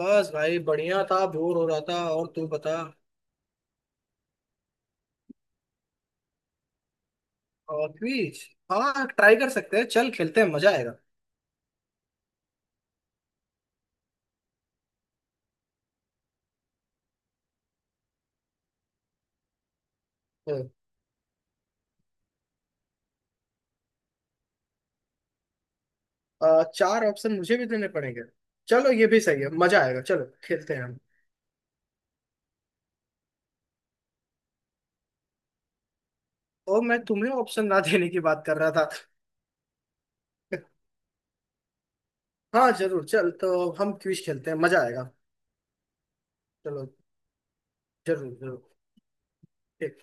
बस भाई बढ़िया था। बोर हो रहा था, और तू बता। और क्विज? हाँ, ट्राई कर सकते हैं। चल खेलते हैं, मजा आएगा। हम्म। चार ऑप्शन मुझे भी देने पड़ेंगे? चलो, ये भी सही है। मजा आएगा, चलो खेलते हैं हम। और मैं तुम्हें ऑप्शन ना देने की बात कर रहा था। हाँ, जरूर। चल तो हम क्विज खेलते हैं, मजा आएगा। चलो। जरूर, जरूर। ठीक।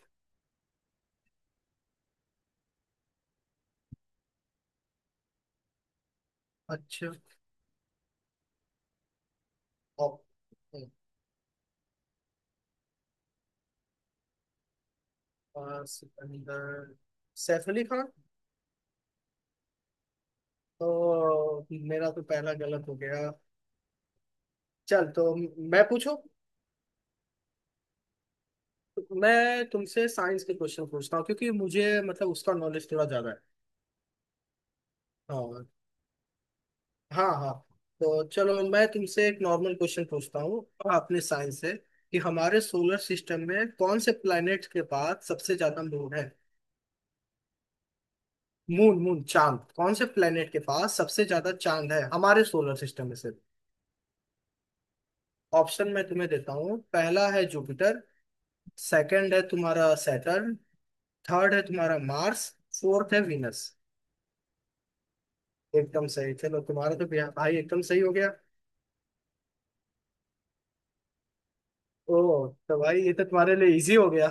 अच्छा। ऑप- सिकंदर। सैफ अली खान। तो मेरा तो पहला गलत हो गया। चल, तो मैं पूछूं। मैं तुमसे साइंस के क्वेश्चन पूछता हूँ, क्योंकि मुझे मतलब उसका नॉलेज थोड़ा ज्यादा है। हाँ, हाँ, हाँ। तो चलो, मैं तुमसे एक नॉर्मल क्वेश्चन पूछता हूँ अपने साइंस से कि हमारे सोलर सिस्टम में कौन से प्लैनेट के पास सबसे ज्यादा मून है? मून, मून चांद, कौन से प्लैनेट के पास सबसे ज्यादा चांद है हमारे सोलर सिस्टम में से? ऑप्शन मैं तुम्हें देता हूँ। पहला है जुपिटर। सेकंड है तुम्हारा सैटर्न। थर्ड है तुम्हारा मार्स। फोर्थ है विनस। एकदम सही। चलो, तुम्हारा तो भैया भाई एकदम सही हो गया। ओ, तो भाई ये तो तुम्हारे लिए इजी हो गया।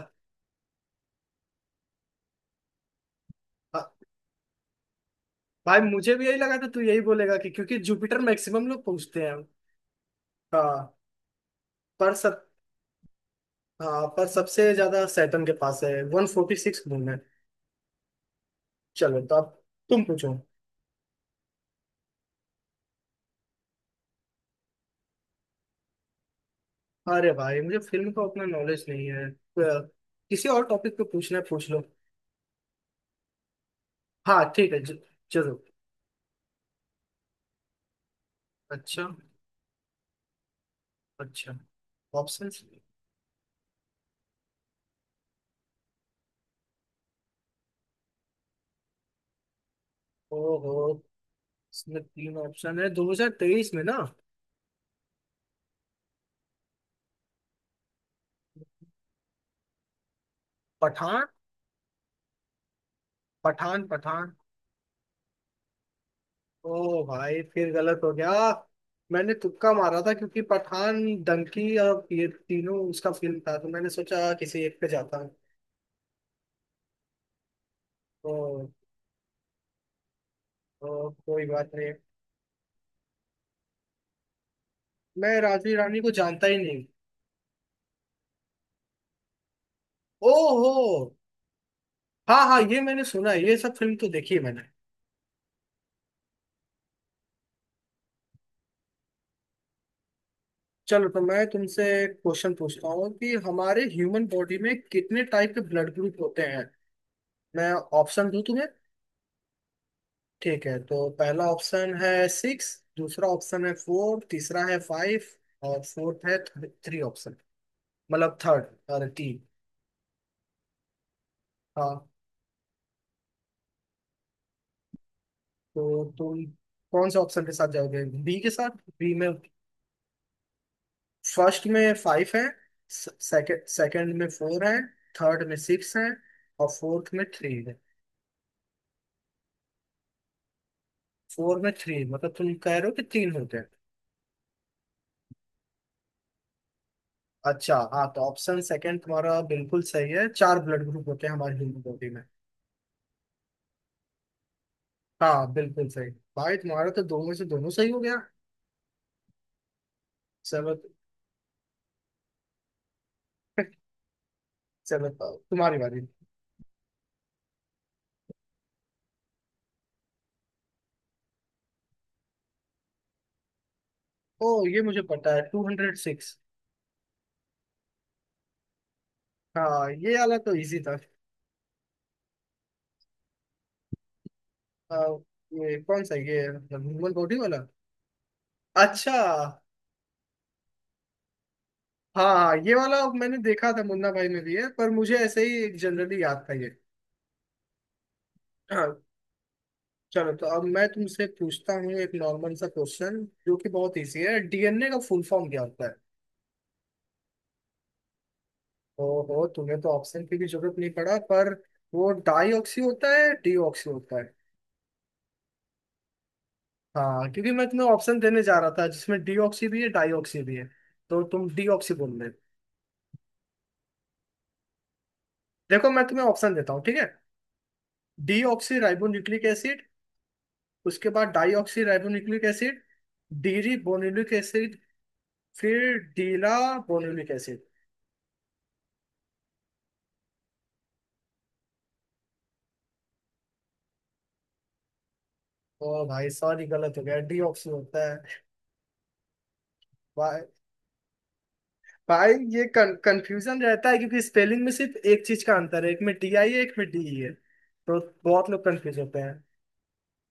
हाँ। भाई मुझे भी यही लगा था तू यही बोलेगा, कि क्योंकि जुपिटर मैक्सिमम लोग पूछते हैं। हाँ पर सब हाँ, पर सबसे ज्यादा सैटर्न के पास है, 146 मून है। चलो, तो अब तुम पूछो। अरे भाई, मुझे फिल्म का उतना नॉलेज नहीं है। किसी और टॉपिक पे पूछना है पूछ लो। हाँ ठीक है, जरूर। अच्छा। अच्छा ऑप्शन। ओहो, इसमें तीन ऑप्शन है 2023 में ना? पठान, पठान, पठान। ओ भाई, फिर गलत हो गया। मैंने तुक्का मारा था, क्योंकि पठान, डंकी और ये तीनों उसका फिल्म था, तो मैंने सोचा किसी एक पे जाता हूँ। ओ, ओ, कोई बात नहीं। मैं राजवीर रानी को जानता ही नहीं। ओ, हो, हाँ, हाँ, ये मैंने सुना है, ये सब फिल्म तो देखी है मैंने। चलो, तो मैं तुमसे एक क्वेश्चन पूछता हूँ कि हमारे ह्यूमन बॉडी में कितने टाइप के ब्लड ग्रुप होते हैं? मैं ऑप्शन दूं तुम्हें? ठीक है, तो पहला ऑप्शन है सिक्स। दूसरा ऑप्शन है फोर। तीसरा है फाइव। और फोर्थ है थ्री ऑप्शन, मतलब थर्ड और तीन। हाँ, तो तुम कौन से ऑप्शन के साथ जाओगे? बी के साथ, बी में। फर्स्ट में फाइव है। सेकंड सेकंड में फोर है। थर्ड में सिक्स है। और फोर्थ में थ्री है। फोर में थ्री, मतलब तुम कह रहे हो कि तीन होते हैं? अच्छा हाँ, तो ऑप्शन सेकंड तुम्हारा बिल्कुल सही है, चार ब्लड ग्रुप होते हैं हमारी ह्यूमन बॉडी में। हाँ, बिल्कुल सही भाई। तुम्हारा तो दोनों से दोनों सही हो गया। सेवन। सेवन पाओ, तुम्हारी बारी। ओ, ये मुझे पता है, 206। हाँ, ये वाला तो इजी था। आ, ये कौन सा है? ये ह्यूमन बॉडी वाला। अच्छा। हाँ, हाँ, ये वाला मैंने देखा था, मुन्ना भाई में भी है, पर मुझे ऐसे ही जनरली याद था ये। हाँ। चलो, तो अब मैं तुमसे पूछता हूँ एक नॉर्मल सा क्वेश्चन, जो कि बहुत इजी है। डीएनए का फुल फॉर्म क्या होता है? ओहो, तुम्हें तो ऑप्शन की भी जरूरत नहीं पड़ा, पर वो डाईऑक्सी होता है, डीऑक्सी होता है। हाँ, क्योंकि मैं तुम्हें ऑप्शन देने जा रहा था जिसमें डीऑक्सी भी है, डाईऑक्सी भी है। तो तुम डीऑक्सी बोल रहे हो। देखो, मैं तुम्हें ऑप्शन देता हूँ, ठीक है। Deoxyribonucleic acid. उसके बाद डाईऑक्सी राइबोन्यूक्लिक एसिड। डीरी बोनुलिक एसिड। फिर डीला बोनुलिक एसिड। ओ भाई सॉरी, गलत हो गया, डीऑक्सी होता है। भाई, ये कंफ्यूजन रहता है क्योंकि स्पेलिंग में सिर्फ एक चीज का अंतर है, एक में टी आई है, एक में डी ई है, तो बहुत लोग कंफ्यूज होते हैं।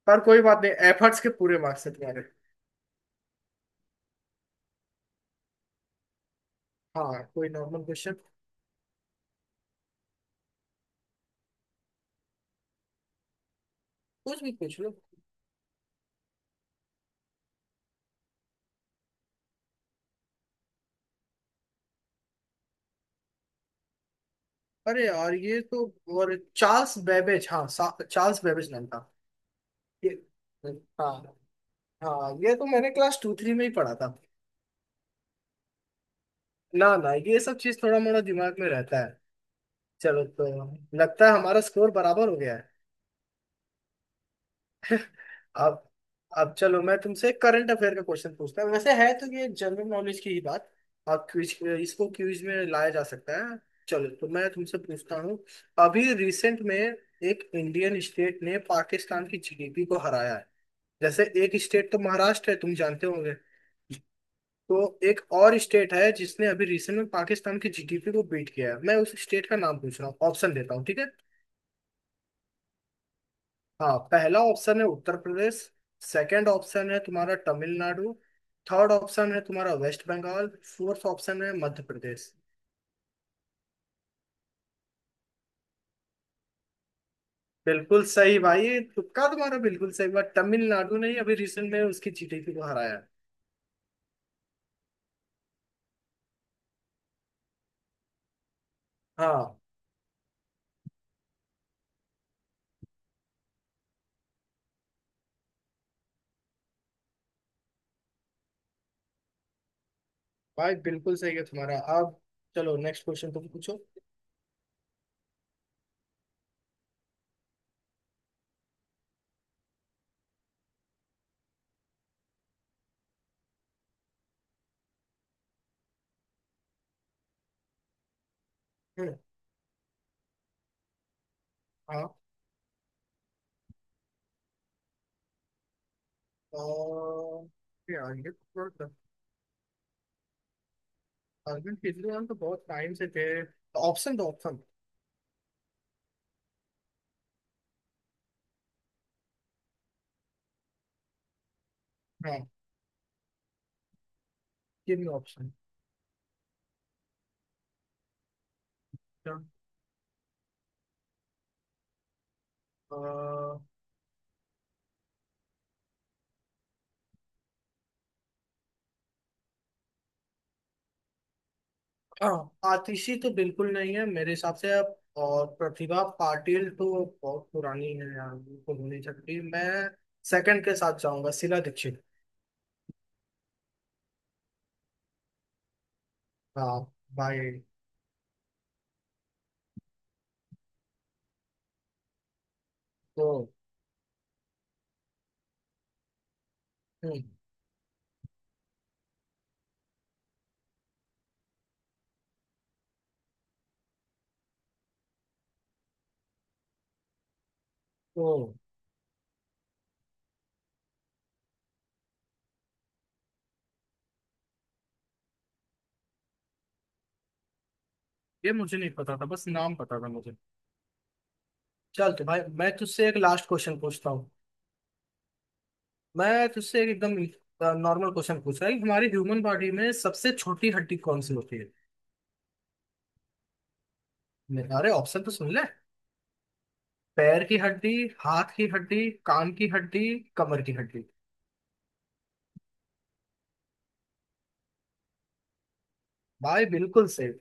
पर कोई बात नहीं, एफर्ट्स के पूरे मार्क्स है तुम्हारे। हाँ, कोई नॉर्मल क्वेश्चन। कुछ भी पूछ लो। अरे यार, ये तो। और चार्ल्स बेबेज, हाँ, चार्ल्स बेबेज नाम था। ये। हाँ, हाँ, ये तो मैंने क्लास टू थ्री में ही पढ़ा था। ना, ना, ये सब चीज थोड़ा मोड़ा दिमाग में रहता है। चलो, तो लगता है हमारा स्कोर बराबर हो गया है। अब अब चलो, मैं तुमसे करंट अफेयर का क्वेश्चन पूछता हूँ। वैसे है तो ये जनरल नॉलेज की ही बात। आप क्विज इसको क्विज में लाया जा सकता है। चलो, तो मैं तुमसे पूछता हूँ। अभी रिसेंट में एक इंडियन स्टेट ने पाकिस्तान की जीडीपी को हराया है। जैसे एक स्टेट तो महाराष्ट्र है, तुम जानते होंगे। तो एक और स्टेट है जिसने अभी रिसेंट में पाकिस्तान की जीडीपी को बीट किया है। मैं उस स्टेट का नाम पूछ रहा हूँ, ऑप्शन देता हूँ, ठीक है। हाँ, पहला ऑप्शन है उत्तर प्रदेश। सेकंड ऑप्शन है तुम्हारा तमिलनाडु। थर्ड ऑप्शन है तुम्हारा वेस्ट बंगाल। फोर्थ ऑप्शन है मध्य प्रदेश। बिल्कुल सही भाई, तुक्का तुम्हारा बिल्कुल सही। बात तमिलनाडु ने ही अभी रिसेंट में उसकी जीटीपी को हराया है। हाँ भाई, बिल्कुल सही है तुम्हारा। अब चलो, नेक्स्ट क्वेश्चन तुम पूछो। हम्म। हाँ, और ये आगे थोड़ा अरविंद केजरीवाल तो बहुत टाइम से थे। ऑप्शन। हाँ, गिव मी ऑप्शन। हाँ, आतिशी तो बिल्कुल नहीं है मेरे हिसाब से अब, और प्रतिभा पाटिल तो बहुत पुरानी है यार, बिल्कुल हो नहीं सकती। मैं सेकंड के साथ जाऊंगा, शीला दीक्षित। हाँ भाई। तो हम्म, तो ये मुझे नहीं पता था, बस नाम पता था मुझे। चल, तो भाई मैं तुझसे एक लास्ट क्वेश्चन पूछता हूँ। मैं तुझसे एक एकदम नॉर्मल क्वेश्चन पूछ रहा है कि हमारी ह्यूमन बॉडी में सबसे छोटी हड्डी कौन सी होती है? अरे, ऑप्शन तो सुन ले। पैर की हड्डी, हाथ की हड्डी, कान की हड्डी, कमर की हड्डी। भाई बिल्कुल सेफ।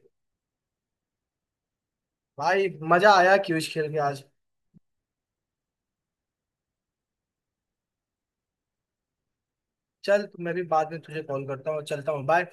भाई मजा आया क्यूज खेल के आज। चल, मैं भी बाद में तुझे कॉल करता हूँ, चलता हूँ, बाय।